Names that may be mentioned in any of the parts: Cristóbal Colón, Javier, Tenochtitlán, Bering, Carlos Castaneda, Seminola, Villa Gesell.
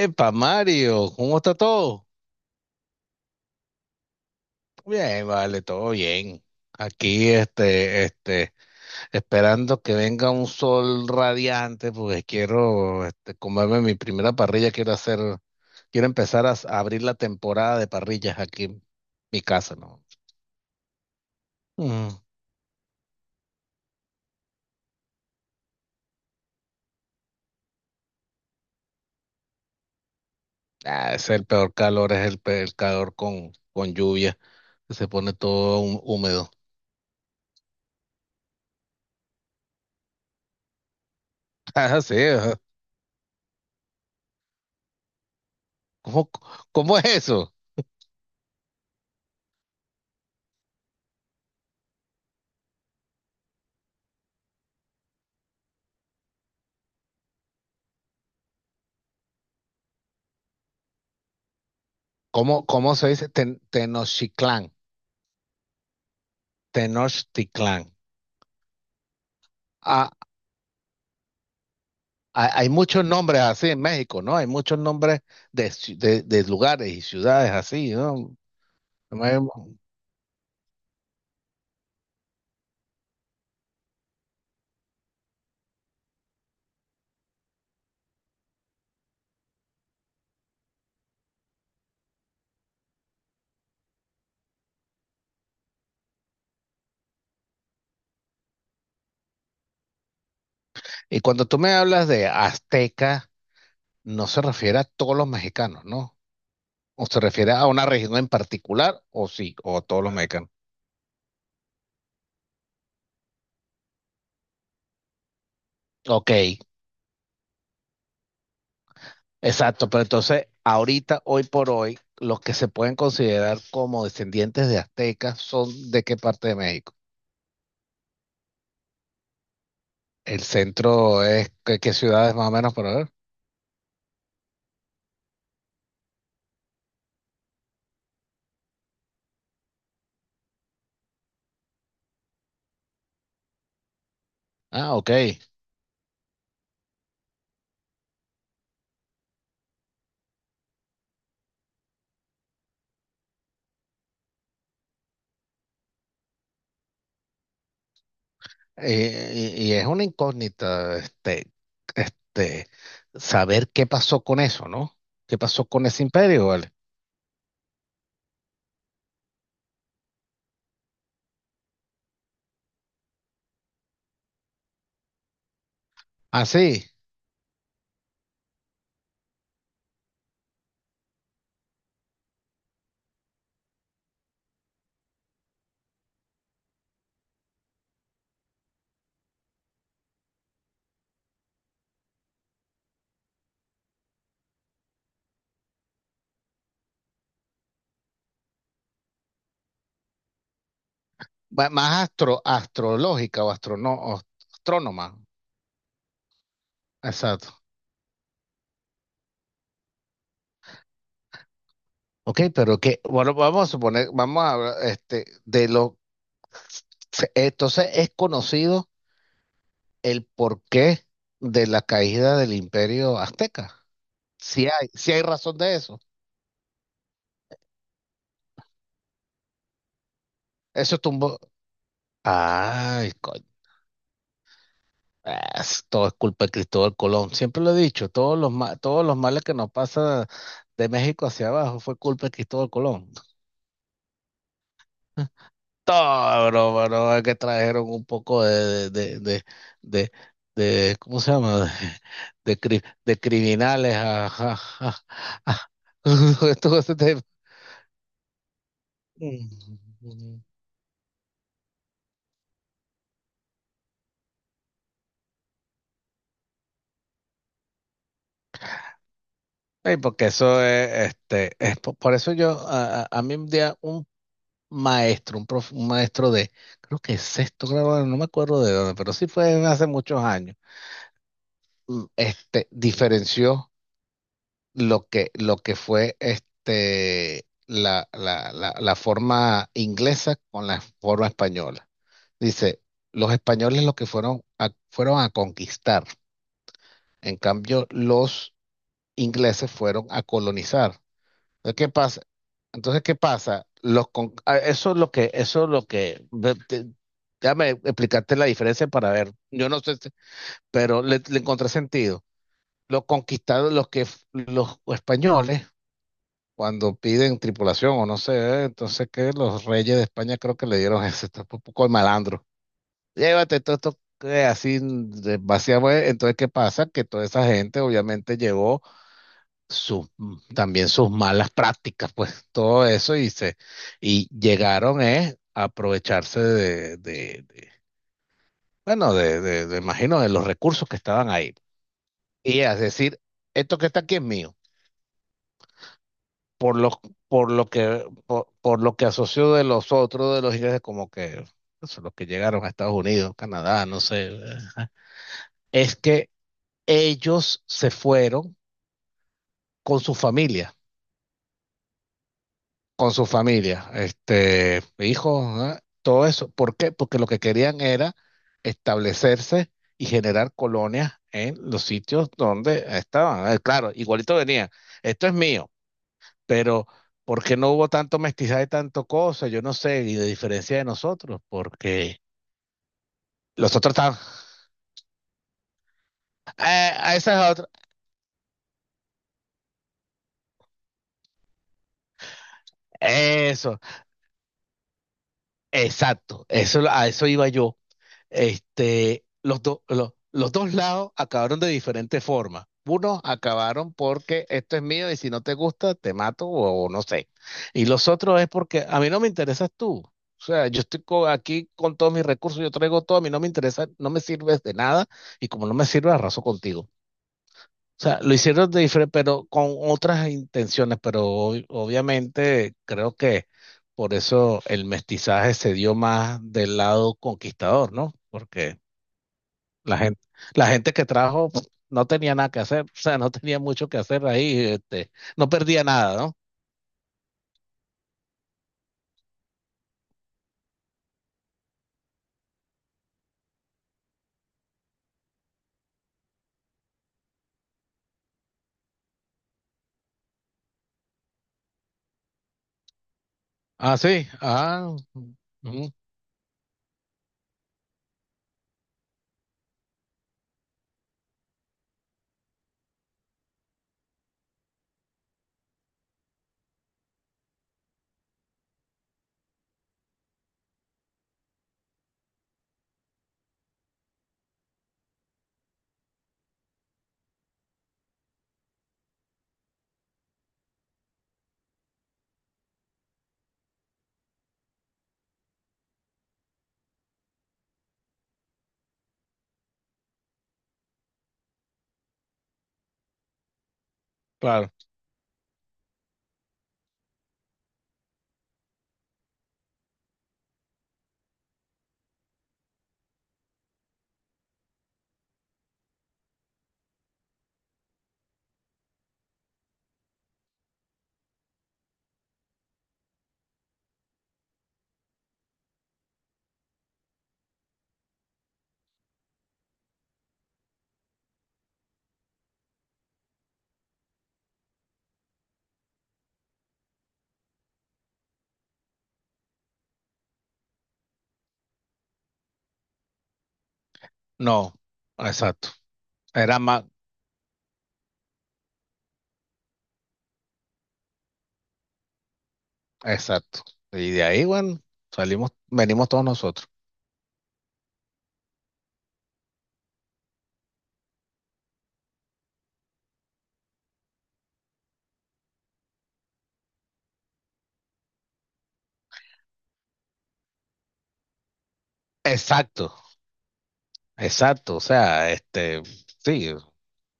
Epa, Mario, ¿cómo está todo? Bien, vale, todo bien. Aquí, esperando que venga un sol radiante, porque quiero, comerme mi primera parrilla. Quiero empezar a, a abrir la temporada de parrillas aquí en mi casa, ¿no? Mm. Ah, es el peor calor, es el calor con lluvia, que se pone todo húmedo. Ah, sí, ajá. ¿Cómo, cómo es eso? ¿Cómo se dice Tenochtitlán? Tenochtitlán. Ah, hay muchos nombres así en México, ¿no? Hay muchos nombres de lugares y ciudades así, ¿no? Y cuando tú me hablas de azteca, no se refiere a todos los mexicanos, ¿no? O se refiere a una región en particular, o sí, o a todos los mexicanos. Ok, exacto, pero entonces ahorita, hoy por hoy, ¿los que se pueden considerar como descendientes de aztecas son de qué parte de México? El centro es, ¿qué ciudades más o menos por ver? Ah, ok. Y es una incógnita, este, saber qué pasó con eso, ¿no? ¿Qué pasó con ese imperio, vale? Ah, sí. Más astrológica o astrónoma. Exacto. Ok, pero que, bueno, vamos a hablar, entonces es conocido el porqué de la caída del imperio azteca. Si hay razón de eso. Eso tumbó. Ay, coño. Ah, todo es culpa de Cristóbal Colón. Siempre lo he dicho, todos los males que nos pasa de México hacia abajo fue culpa de Cristóbal Colón. Todo, bro, bro, es que trajeron un poco de, de- de ¿cómo se llama? De criminales a- todo ese tema. Mm. Mm, mm. Ey, porque eso es, por eso yo, a mí un día, un maestro de, creo que sexto grado, no me acuerdo de dónde, pero sí fue hace muchos años. Diferenció lo que fue la forma inglesa con la forma española. Dice, los españoles lo que fueron a conquistar, en cambio los ingleses fueron a colonizar. Entonces, ¿qué pasa? Entonces, ¿qué pasa? Ah, Eso es lo que, eso es lo que, déjame explicarte la diferencia para ver. Yo no sé, pero le encontré sentido. Los conquistados, los españoles, cuando piden tripulación o no sé, entonces que los reyes de España creo que le dieron eso, esto es un poco de malandro. Llévate todo esto que así vaciamos. Entonces, ¿qué pasa? Que toda esa gente obviamente llegó sus- también sus malas prácticas, pues todo eso y llegaron a aprovecharse bueno, imagino de los recursos que estaban ahí. Y es decir, esto que está aquí es mío. Por lo, por lo que asoció de los otros, de los ingleses, como que eso, los que llegaron a Estados Unidos, Canadá, no sé, es que ellos se fueron con su familia con su familia, hijos, ¿ah? Todo eso. ¿Por qué? Porque lo que querían era establecerse y generar colonias en los sitios donde estaban. Claro, igualito venía, esto es mío, pero ¿por qué no hubo tanto mestizaje, tanto cosa? Yo no sé, y de diferencia de nosotros, porque los otros estaban, a esa es otra, eso". Exacto, eso, a eso iba yo. Los dos lados acabaron de diferente forma. Unos acabaron porque esto es mío y si no te gusta, te mato o no sé. Y los otros es porque a mí no me interesas tú. O sea, yo estoy aquí con todos mis recursos, yo traigo todo, a mí no me interesa, no me sirves de nada y como no me sirves, arraso contigo. O sea, lo hicieron de diferente, pero con otras intenciones, pero obviamente creo que por eso el mestizaje se dio más del lado conquistador, ¿no? Porque la gente, la gente que trajo pues, no tenía nada que hacer, o sea, no tenía mucho que hacer ahí, no perdía nada, ¿no? Ah, sí. Ah, ujú, claro. No, exacto. Era más, exacto. Y de ahí, bueno, salimos, venimos todos nosotros. Exacto, exacto. O sea, sí,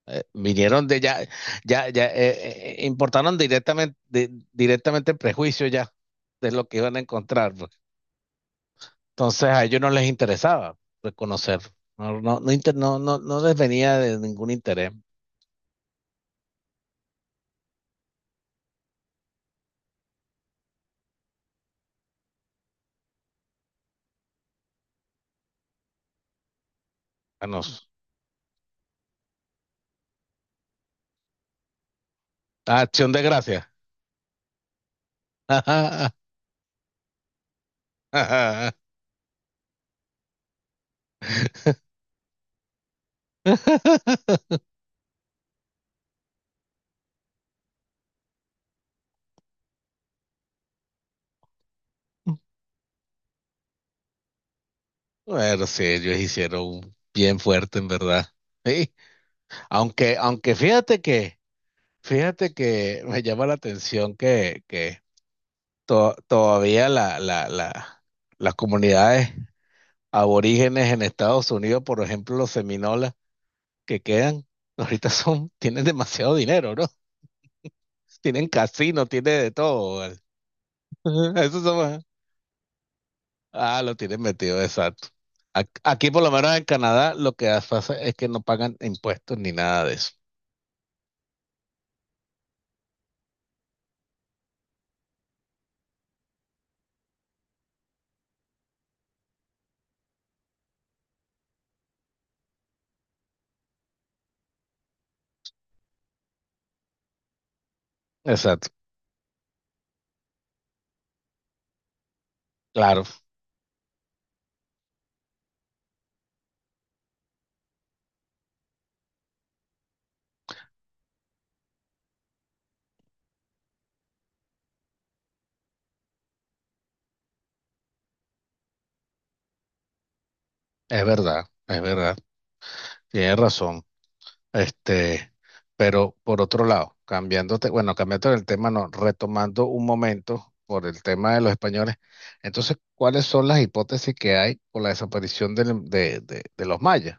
vinieron de ya, ya, ya, importaron directamente el prejuicio ya de lo que iban a encontrar, pues. Entonces a ellos no les interesaba reconocer. No, no, no, no, no, no les venía de ningún interés. A nos, Ah, Acción de Gracias. Bueno, sí, ellos hicieron bien fuerte, en verdad. Sí, aunque fíjate que, me llama la atención que, todavía las comunidades aborígenes en Estados Unidos, por ejemplo, los seminolas que quedan, ahorita son, tienen demasiado dinero, ¿no? Tienen casino, tienen de todo, ¿vale? Esos son. Ah, lo tienen metido, exacto. Aquí, por lo menos en Canadá, lo que pasa es que no pagan impuestos ni nada de eso. Exacto. Claro, es verdad, es verdad. Tienes razón. Este, pero por otro lado, bueno, cambiando el tema, no, retomando un momento por el tema de los españoles. Entonces, ¿cuáles son las hipótesis que hay por la desaparición de los mayas?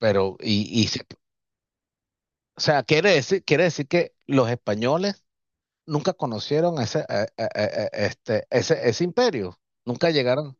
Pero, o sea, quiere decir, que los españoles nunca conocieron ese imperio, nunca llegaron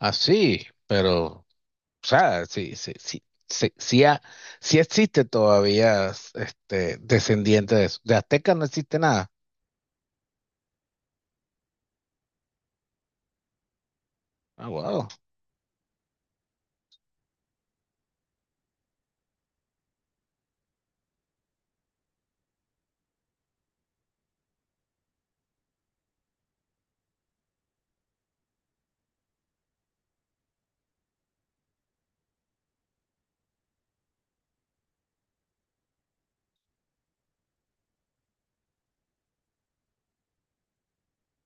así, pero, o sea, sí, sí, sí, sí, sí, sí existe todavía, descendiente de eso. De Azteca no existe nada. Ah, wow.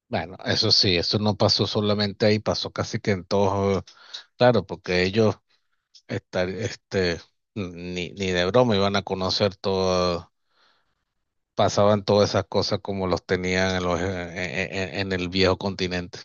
Bueno, eso sí, eso no pasó solamente ahí, pasó casi que en todos, claro, porque ellos estar, este, ni de broma iban a conocer todo, pasaban todas esas cosas como los tenían en, los, en el viejo continente.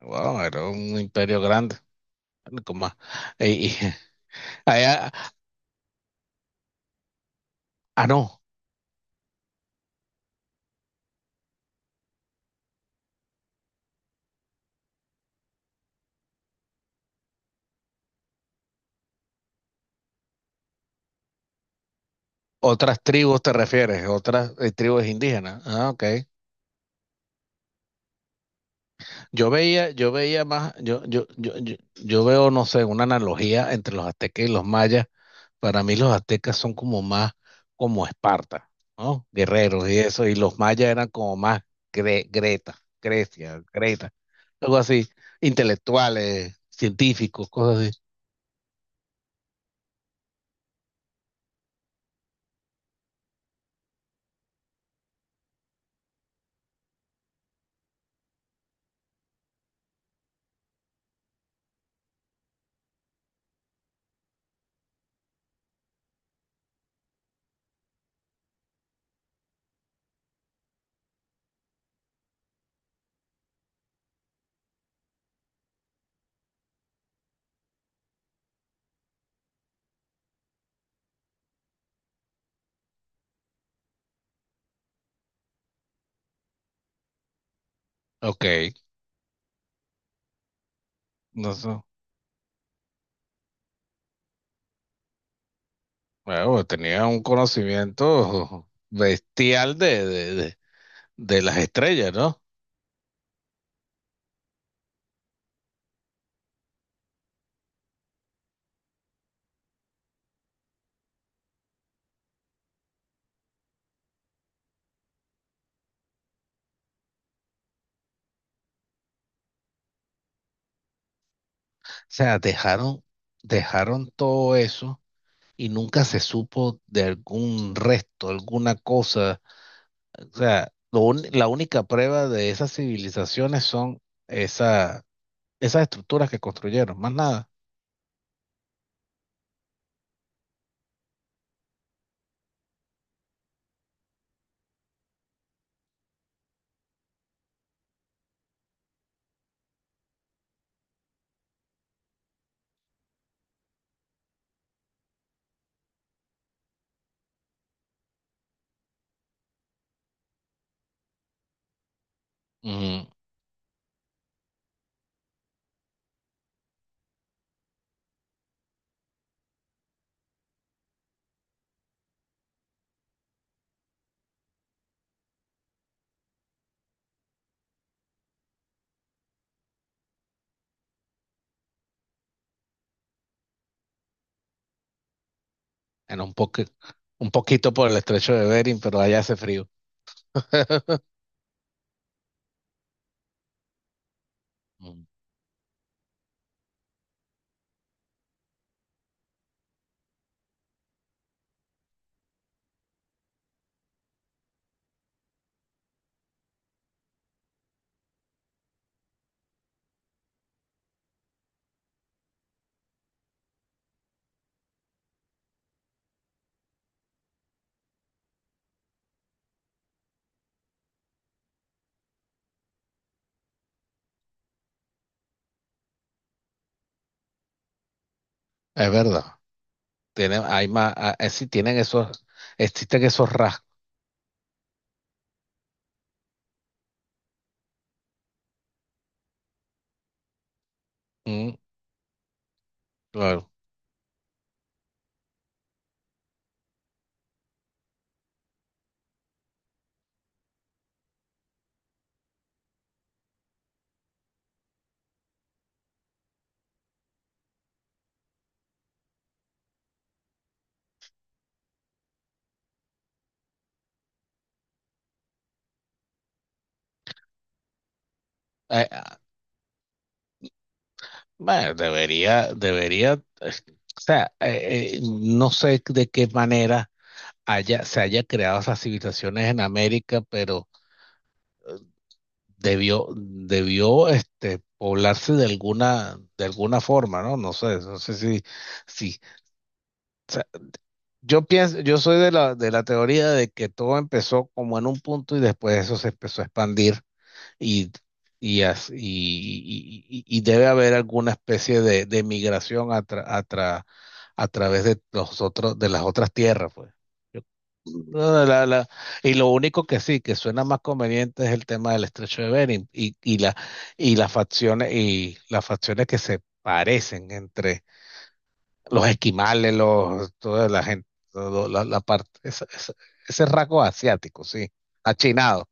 Wow, era un imperio grande. Como, y, y- allá- ah, no, otras tribus te refieres, otras tribus indígenas. Ah, ok. Yo veía más, yo veo, no sé, una analogía entre los aztecas y los mayas. Para mí los aztecas son como más como Esparta, ¿no? Guerreros y eso, y los mayas eran como más Greta, Grecia, Greta, algo así, intelectuales, científicos, cosas así. Ok, no sé. Bueno, tenía un conocimiento bestial de las estrellas, ¿no? O sea, dejaron todo eso y nunca se supo de algún resto, alguna cosa. O sea, la única prueba de esas civilizaciones son esa, esas estructuras que construyeron, más nada. Mm, en un poque- un poquito por el estrecho de Bering, pero allá hace frío. Mm, Es verdad. Hay más, ah, sí, tienen esos, existen esos rasgos. Mm, claro. Ah, bueno, debería, eh, o sea, no sé de qué manera se haya creado esas civilizaciones en América, pero poblarse de alguna forma, ¿no? No sé si, si, o sea, yo pienso, yo soy de la teoría de que todo empezó como en un punto y después eso se empezó a expandir y, y debe haber alguna especie de migración a través de los otros, de las otras tierras, pues. Yo- no, y lo único que sí, que suena más conveniente es el tema del estrecho de Bering y las facciones que se parecen entre los esquimales, toda la gente, la parte, ese rasgo asiático, sí, achinado.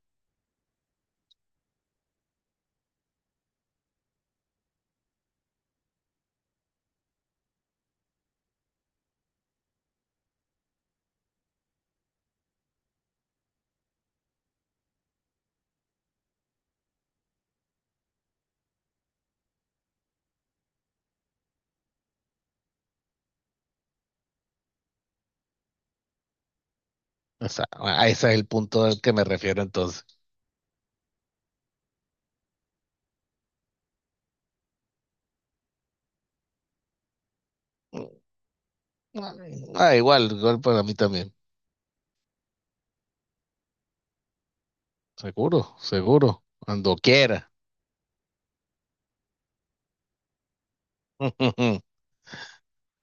O sea, a ese es el punto al que me refiero entonces. Ah, igual, igual para mí también. Seguro, seguro. Cuando quiera.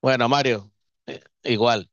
Bueno, Mario, igual.